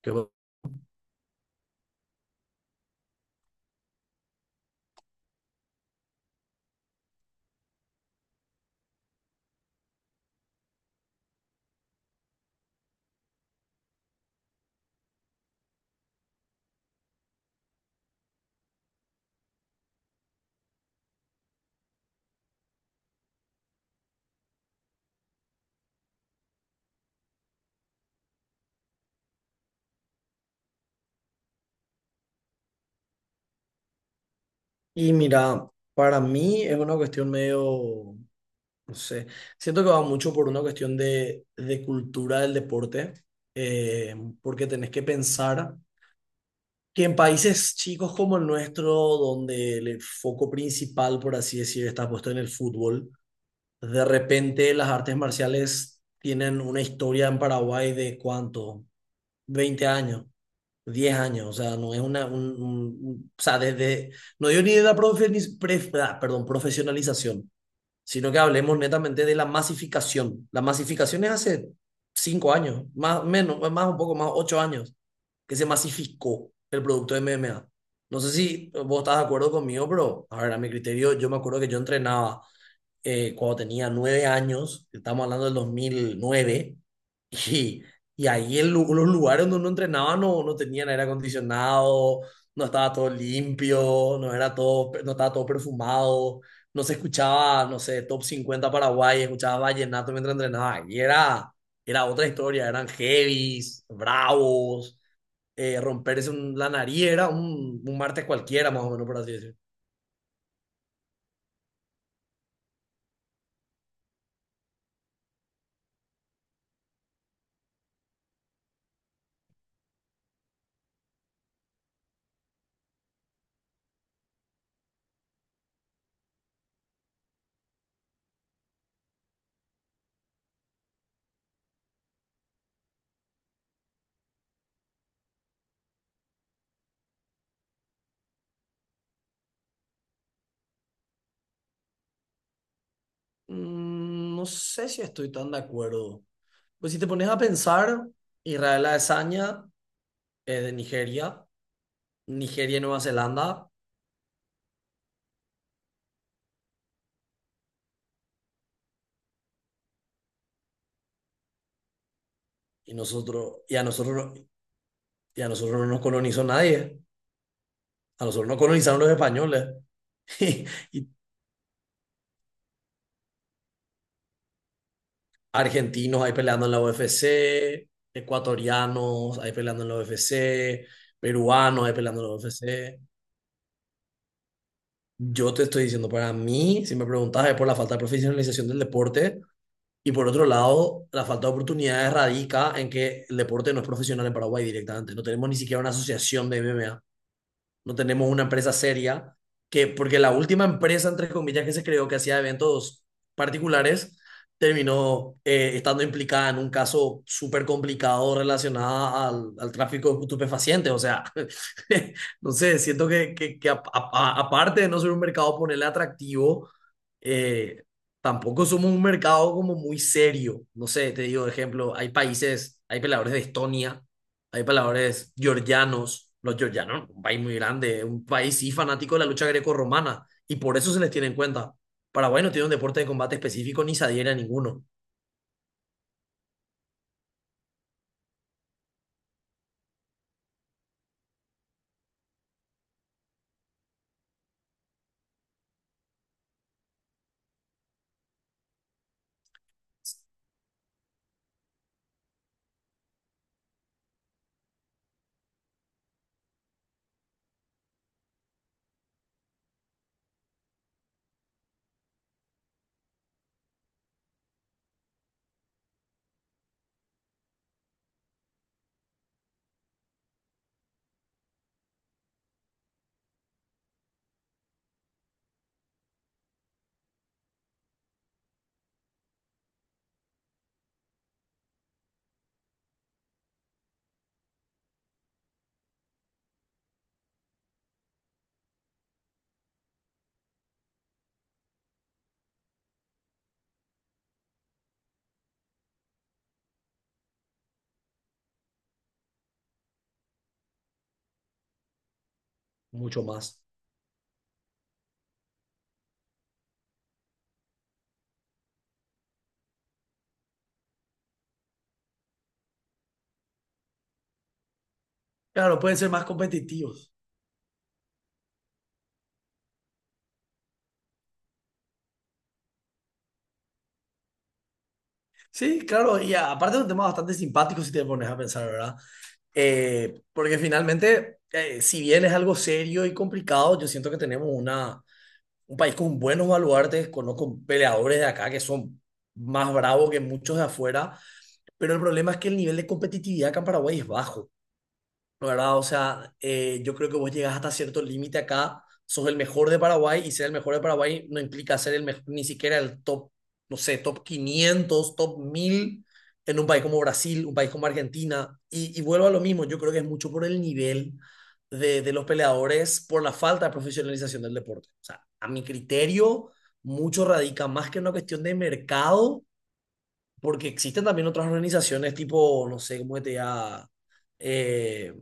¿Qué va- Y mira, para mí es una cuestión medio, no sé, siento que va mucho por una cuestión de cultura del deporte, eh, porque tenés que pensar que en países chicos como el nuestro, donde el foco principal, por así decir, está puesto en el fútbol, de repente las artes marciales tienen una historia en Paraguay de cuánto, 20 años. 10 años, o sea, no es una, un- o sea, desde, no digo ni de la profesionalización, sino que hablemos netamente de la masificación. La masificación es hace 5 años, más, menos, más un poco más, 8 años, que se masificó el producto de MMA. No sé si vos estás de acuerdo conmigo, pero, a ver, a mi criterio, yo me acuerdo que yo entrenaba cuando tenía 9 años, estamos hablando del 2009 y, y ahí en los lugares donde uno entrenaba no tenían aire acondicionado, no estaba todo limpio, no estaba todo perfumado, no se escuchaba, no sé, top 50 Paraguay, escuchaba vallenato mientras entrenaba, y era, era otra historia, eran heavies, bravos. Romperse la nariz era un martes cualquiera, más o menos, por así decirlo. Mm. No sé si estoy tan de acuerdo. Pues si te pones a pensar, Israel Adesanya es de Nigeria, Nigeria y Nueva Zelanda, y nosotros, y a nosotros, y a nosotros no nos colonizó nadie, a nosotros nos colonizaron los españoles. Y y argentinos ahí peleando en la UFC, ecuatorianos ahí peleando en la UFC, peruanos ahí peleando en la UFC. Yo te estoy diciendo, para mí, si me preguntas, es por la falta de profesionalización del deporte. Y por otro lado, la falta de oportunidades radica en que el deporte no es profesional en Paraguay directamente. No tenemos ni siquiera una asociación de MMA. No tenemos una empresa seria, porque la última empresa, entre comillas, que se creó que hacía eventos particulares, terminó estando implicada en un caso súper complicado relacionado al tráfico de estupefacientes. O sea, no sé, siento que, que aparte de no ser un mercado ponerle atractivo, eh, tampoco somos un mercado como muy serio. No sé, te digo, de ejemplo, hay países, hay peleadores de Estonia. Hay peleadores georgianos, los georgianos, un país muy grande, un país sí fanático de la lucha greco-romana, y por eso se les tiene en cuenta. Paraguay no tiene un deporte de combate específico ni se adhiere a ninguno. Mucho más. Claro, pueden ser más competitivos. Sí, claro, y aparte es un tema bastante simpático si te pones a pensar, ¿verdad? Porque finalmente, si bien es algo serio y complicado, yo siento que tenemos un país con buenos baluartes, conozco peleadores de acá que son más bravos que muchos de afuera. Pero el problema es que el nivel de competitividad acá en Paraguay es bajo, ¿no? ¿Verdad? O sea, yo creo que vos llegás hasta cierto límite acá, sos el mejor de Paraguay y ser el mejor de Paraguay no implica ser el mejor, ni siquiera el top, no sé, top 500, top 1000 en un país como Brasil, un país como Argentina. Y vuelvo a lo mismo, yo creo que es mucho por el nivel de los peleadores, por la falta de profesionalización del deporte. O sea, a mi criterio, mucho radica más que en una cuestión de mercado porque existen también otras organizaciones tipo, no sé, cómo te diga, eh,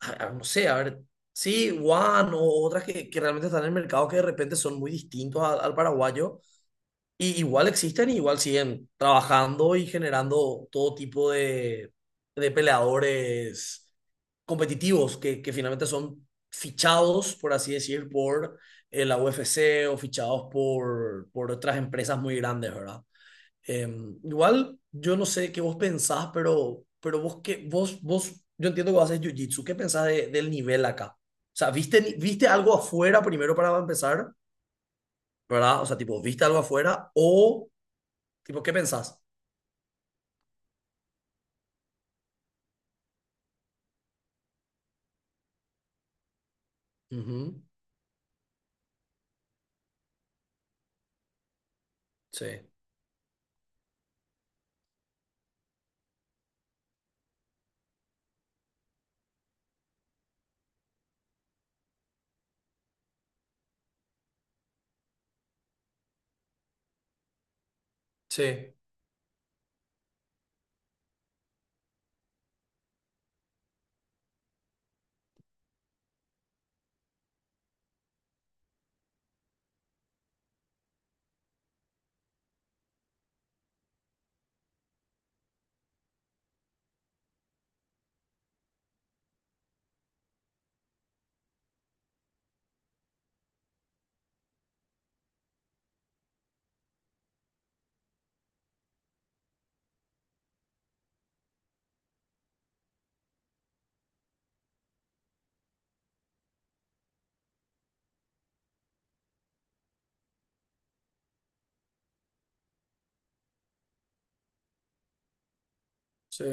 no sé, a ver, sí, One o otras que realmente están en el mercado que de repente son muy distintos al paraguayo, y igual existen y igual siguen trabajando y generando todo tipo de peleadores competitivos que finalmente son fichados, por así decir, por la UFC o fichados por otras empresas muy grandes, ¿verdad? Igual, yo no sé qué vos pensás, pero vos, que vos, vos, yo entiendo que vos haces jiu-jitsu. ¿Qué pensás del nivel acá? O sea, ¿viste, ni- viste algo afuera primero para empezar? ¿Verdad? O sea, tipo, ¿viste algo afuera? O, tipo, ¿qué pensás? Ujú. Sí, sí, sí.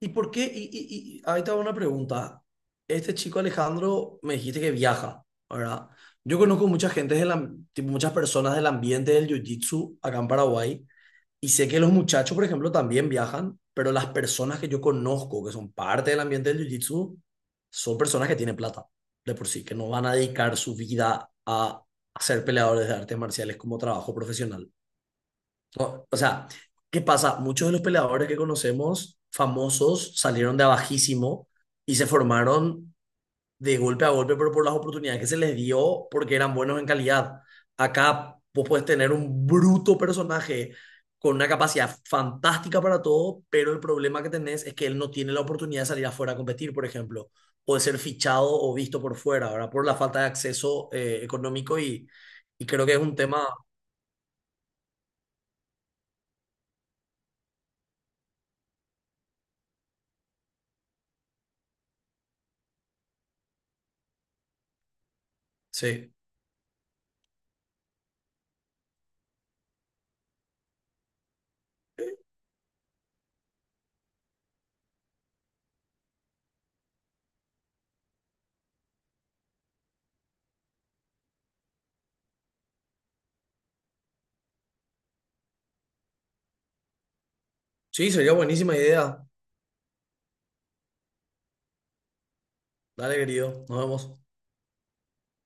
¿Y por qué? Y ahí te hago una pregunta. Este chico Alejandro me dijiste que viaja, ¿verdad? Yo conozco mucha gente, muchas personas del ambiente del jiu-jitsu acá en Paraguay. Y sé que los muchachos, por ejemplo, también viajan, pero las personas que yo conozco que son parte del ambiente del jiu-jitsu son personas que tienen plata, de por sí, que no van a dedicar su vida a ser peleadores de artes marciales como trabajo profesional. No, o sea, ¿qué pasa? Muchos de los peleadores que conocemos famosos salieron de abajísimo y se formaron de golpe a golpe, pero por las oportunidades que se les dio porque eran buenos en calidad. Acá vos puedes tener un bruto personaje con una capacidad fantástica para todo, pero el problema que tenés es que él no tiene la oportunidad de salir afuera a competir, por ejemplo, o de ser fichado o visto por fuera, ¿verdad? Por la falta de acceso económico y creo que es un tema. Sí, sí, sería buenísima idea. Dale, querido, nos vemos.